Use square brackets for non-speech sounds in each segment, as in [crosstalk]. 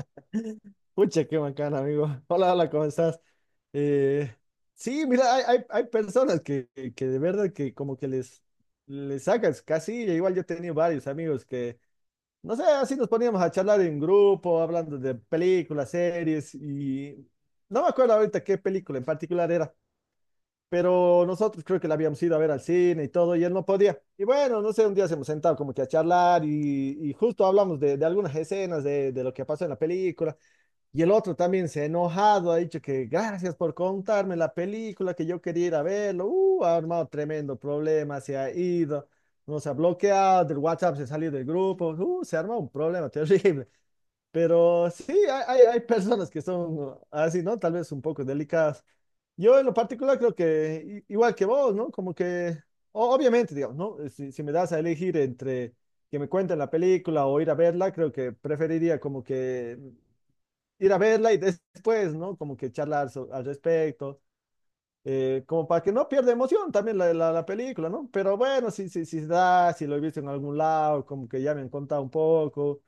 [laughs] Pucha, qué bacán, amigo. Hola, hola, ¿cómo estás? Eh, sí, mira, hay personas que de verdad que como que les sacas casi. Igual yo he tenido varios amigos que, no sé, así nos poníamos a charlar en grupo, hablando de películas, series, y no me acuerdo ahorita qué película en particular era, pero nosotros creo que la habíamos ido a ver al cine y todo, y él no podía. Y bueno, no sé, un día se hemos sentado como que a charlar y justo hablamos de algunas escenas de lo que pasó en la película. Y el otro también se ha enojado, ha dicho que gracias por contarme la película que yo quería ir a verlo. Ha armado tremendo problema, se ha ido, nos ha bloqueado, del WhatsApp se ha salido del grupo. Se ha armado un problema [laughs] terrible. Pero sí, hay personas que son así, ¿no? Tal vez un poco delicadas. Yo en lo particular creo que igual que vos, ¿no? Como que obviamente, digamos, ¿no? Si, si me das a elegir entre que me cuenten la película o ir a verla, creo que preferiría como que ir a verla y después, ¿no? Como que charlar al respecto, como para que no pierda emoción también la película, ¿no? Pero bueno, si se da, si lo he visto en algún lado, como que ya me han contado un poco.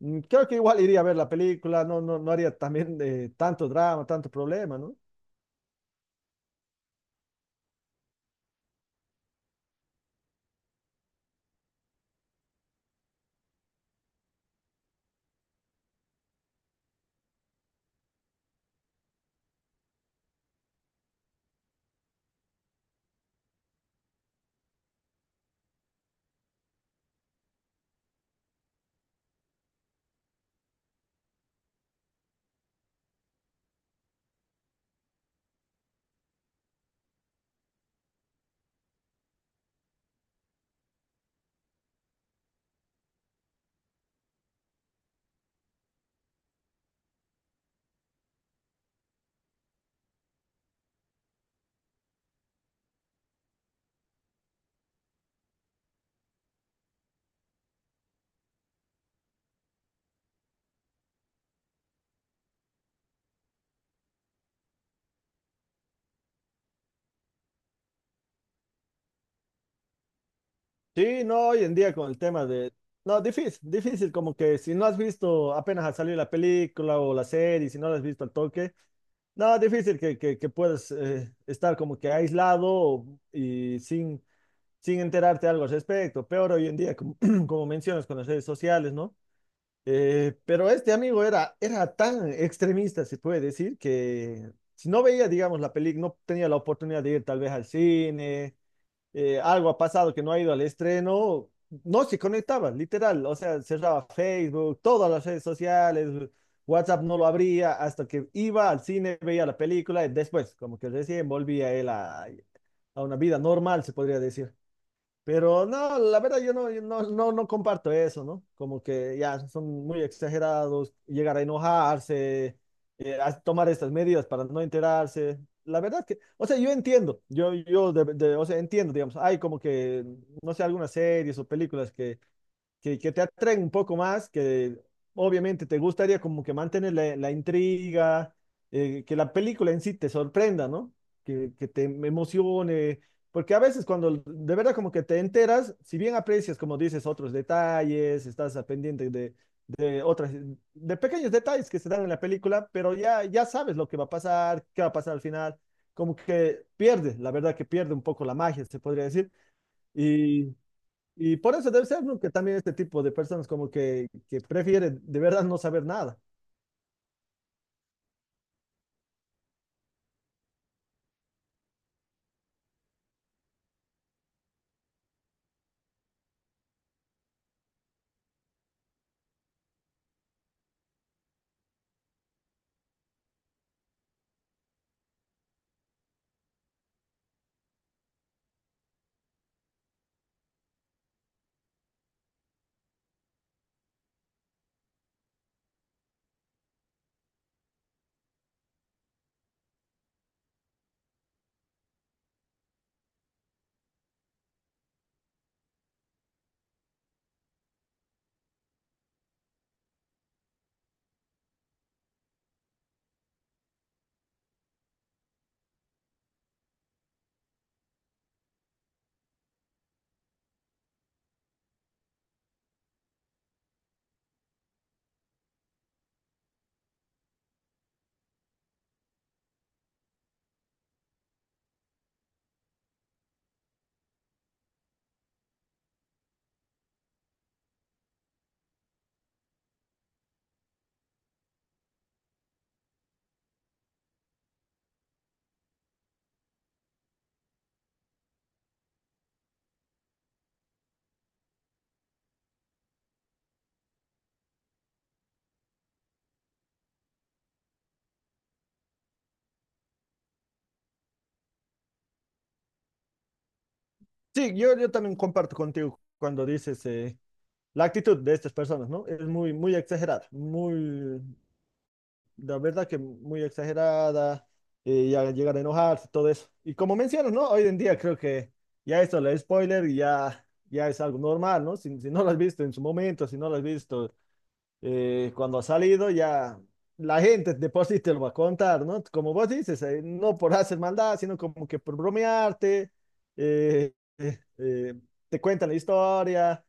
Mm, creo que igual iría a ver la película. No haría también tanto drama, tanto problema, ¿no? Sí, no, hoy en día con el tema de... No, difícil, como que si no has visto apenas ha salido la película o la serie, si no la has visto al toque, no, difícil que puedas estar como que aislado y sin enterarte algo al respecto. Peor hoy en día, como, [clears throat] como mencionas con las redes sociales, ¿no? Pero este amigo era tan extremista, se puede decir, que si no veía, digamos, la película, no tenía la oportunidad de ir tal vez al cine. Algo ha pasado que no ha ido al estreno, no se conectaba, literal, o sea, cerraba Facebook, todas las redes sociales, WhatsApp no lo abría, hasta que iba al cine, veía la película y después, como que recién volvía él a una vida normal, se podría decir. Pero no, la verdad yo no, yo no, no, no comparto eso, ¿no? Como que ya son muy exagerados, llegar a enojarse, a tomar estas medidas para no enterarse. La verdad que, o sea, yo entiendo, o sea, entiendo, digamos, hay como que, no sé, algunas series o películas que te atraen un poco más, que obviamente te gustaría como que mantener la intriga, que la película en sí te sorprenda, ¿no? Que te emocione, porque a veces cuando de verdad como que te enteras, si bien aprecias, como dices, otros detalles, estás a pendiente de otras, de pequeños detalles que se dan en la película, pero ya, ya sabes lo que va a pasar, qué va a pasar al final, como que pierde, la verdad que pierde un poco la magia, se podría decir, y y por eso debe ser, ¿no? Que también este tipo de personas como que prefieren de verdad no saber nada. Sí, yo también comparto contigo cuando dices la actitud de estas personas, ¿no? Es muy exagerada, muy, la verdad que muy exagerada, ya llegar a enojarse, todo eso. Y como mencionas, ¿no? Hoy en día creo que ya esto, el spoiler, ya es algo normal, ¿no? Si, si no lo has visto en su momento, si no lo has visto. Cuando ha salido ya la gente después sí te lo va a contar, ¿no? Como vos dices, no por hacer maldad, sino como que por bromearte, eh, eh, eh, te cuentan la historia.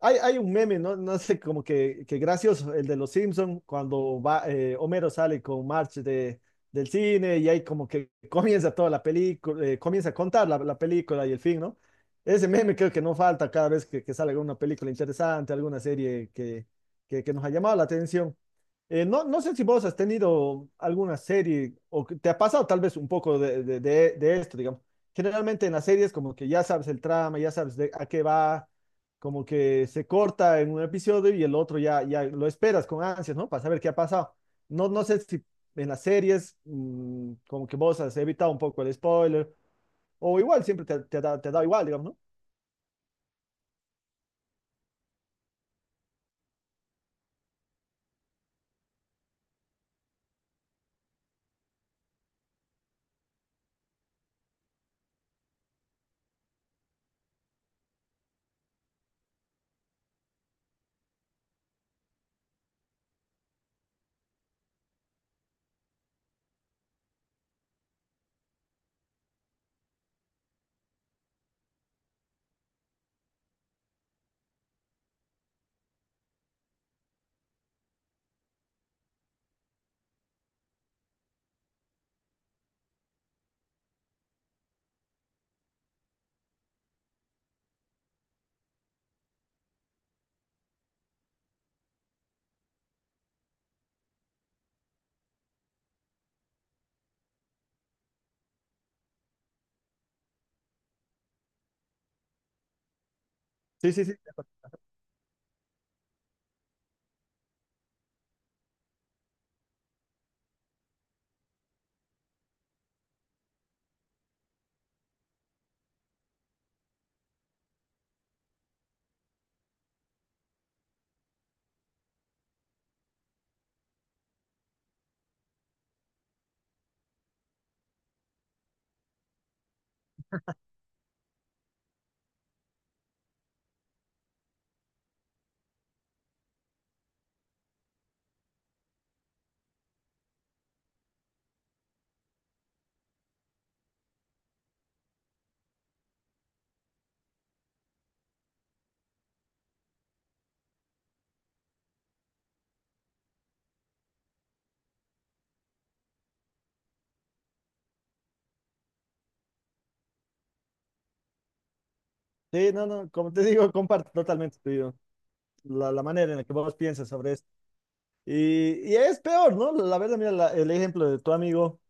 Hay un meme, ¿no? No sé, como que gracioso, el de los Simpson cuando va, Homero sale con March del cine y ahí como que comienza toda la película, comienza a contar la película y el fin, ¿no? Ese meme creo que no falta cada vez que sale alguna película interesante, alguna serie que nos ha llamado la atención. No sé si vos has tenido alguna serie o que te ha pasado tal vez un poco de esto, digamos. Generalmente en las series como que ya sabes el trama, ya sabes de a qué va, como que se corta en un episodio y el otro ya, ya lo esperas con ansias, ¿no? Para saber qué ha pasado. No sé si en las series como que vos has evitado un poco el spoiler o igual siempre te ha dado igual, digamos, ¿no? Sí, sí, sí. Sí, no, no, como te digo, [laughs] comparto totalmente tu idea. La manera en la que vos piensas sobre y es peor, ¿no? La verdad, mira el ejemplo de tu amigo,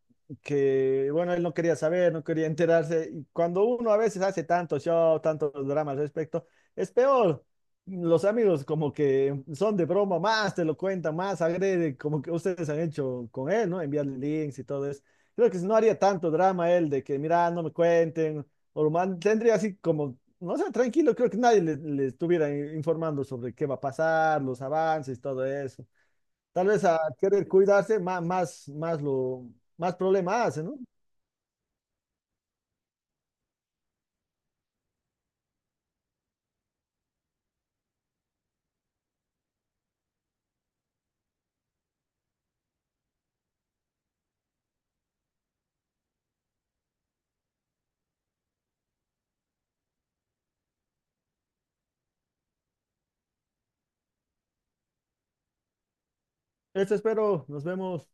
que bueno, él no quería saber, no quería enterarse. Y cuando uno a veces hace tanto show, tantos dramas al respecto, es peor. Los amigos como que son de broma, más te lo cuentan, más agrede, como que ustedes han hecho con él, ¿no? Enviarle links y todo eso. Creo que si no haría tanto drama él de que, mira, no me cuenten, o lo tendría así como, no sé, tranquilo, creo que nadie le estuviera informando sobre qué va a pasar, los avances, todo eso. Tal vez a querer cuidarse, más más problema hace, ¿no? Eso espero. Nos vemos.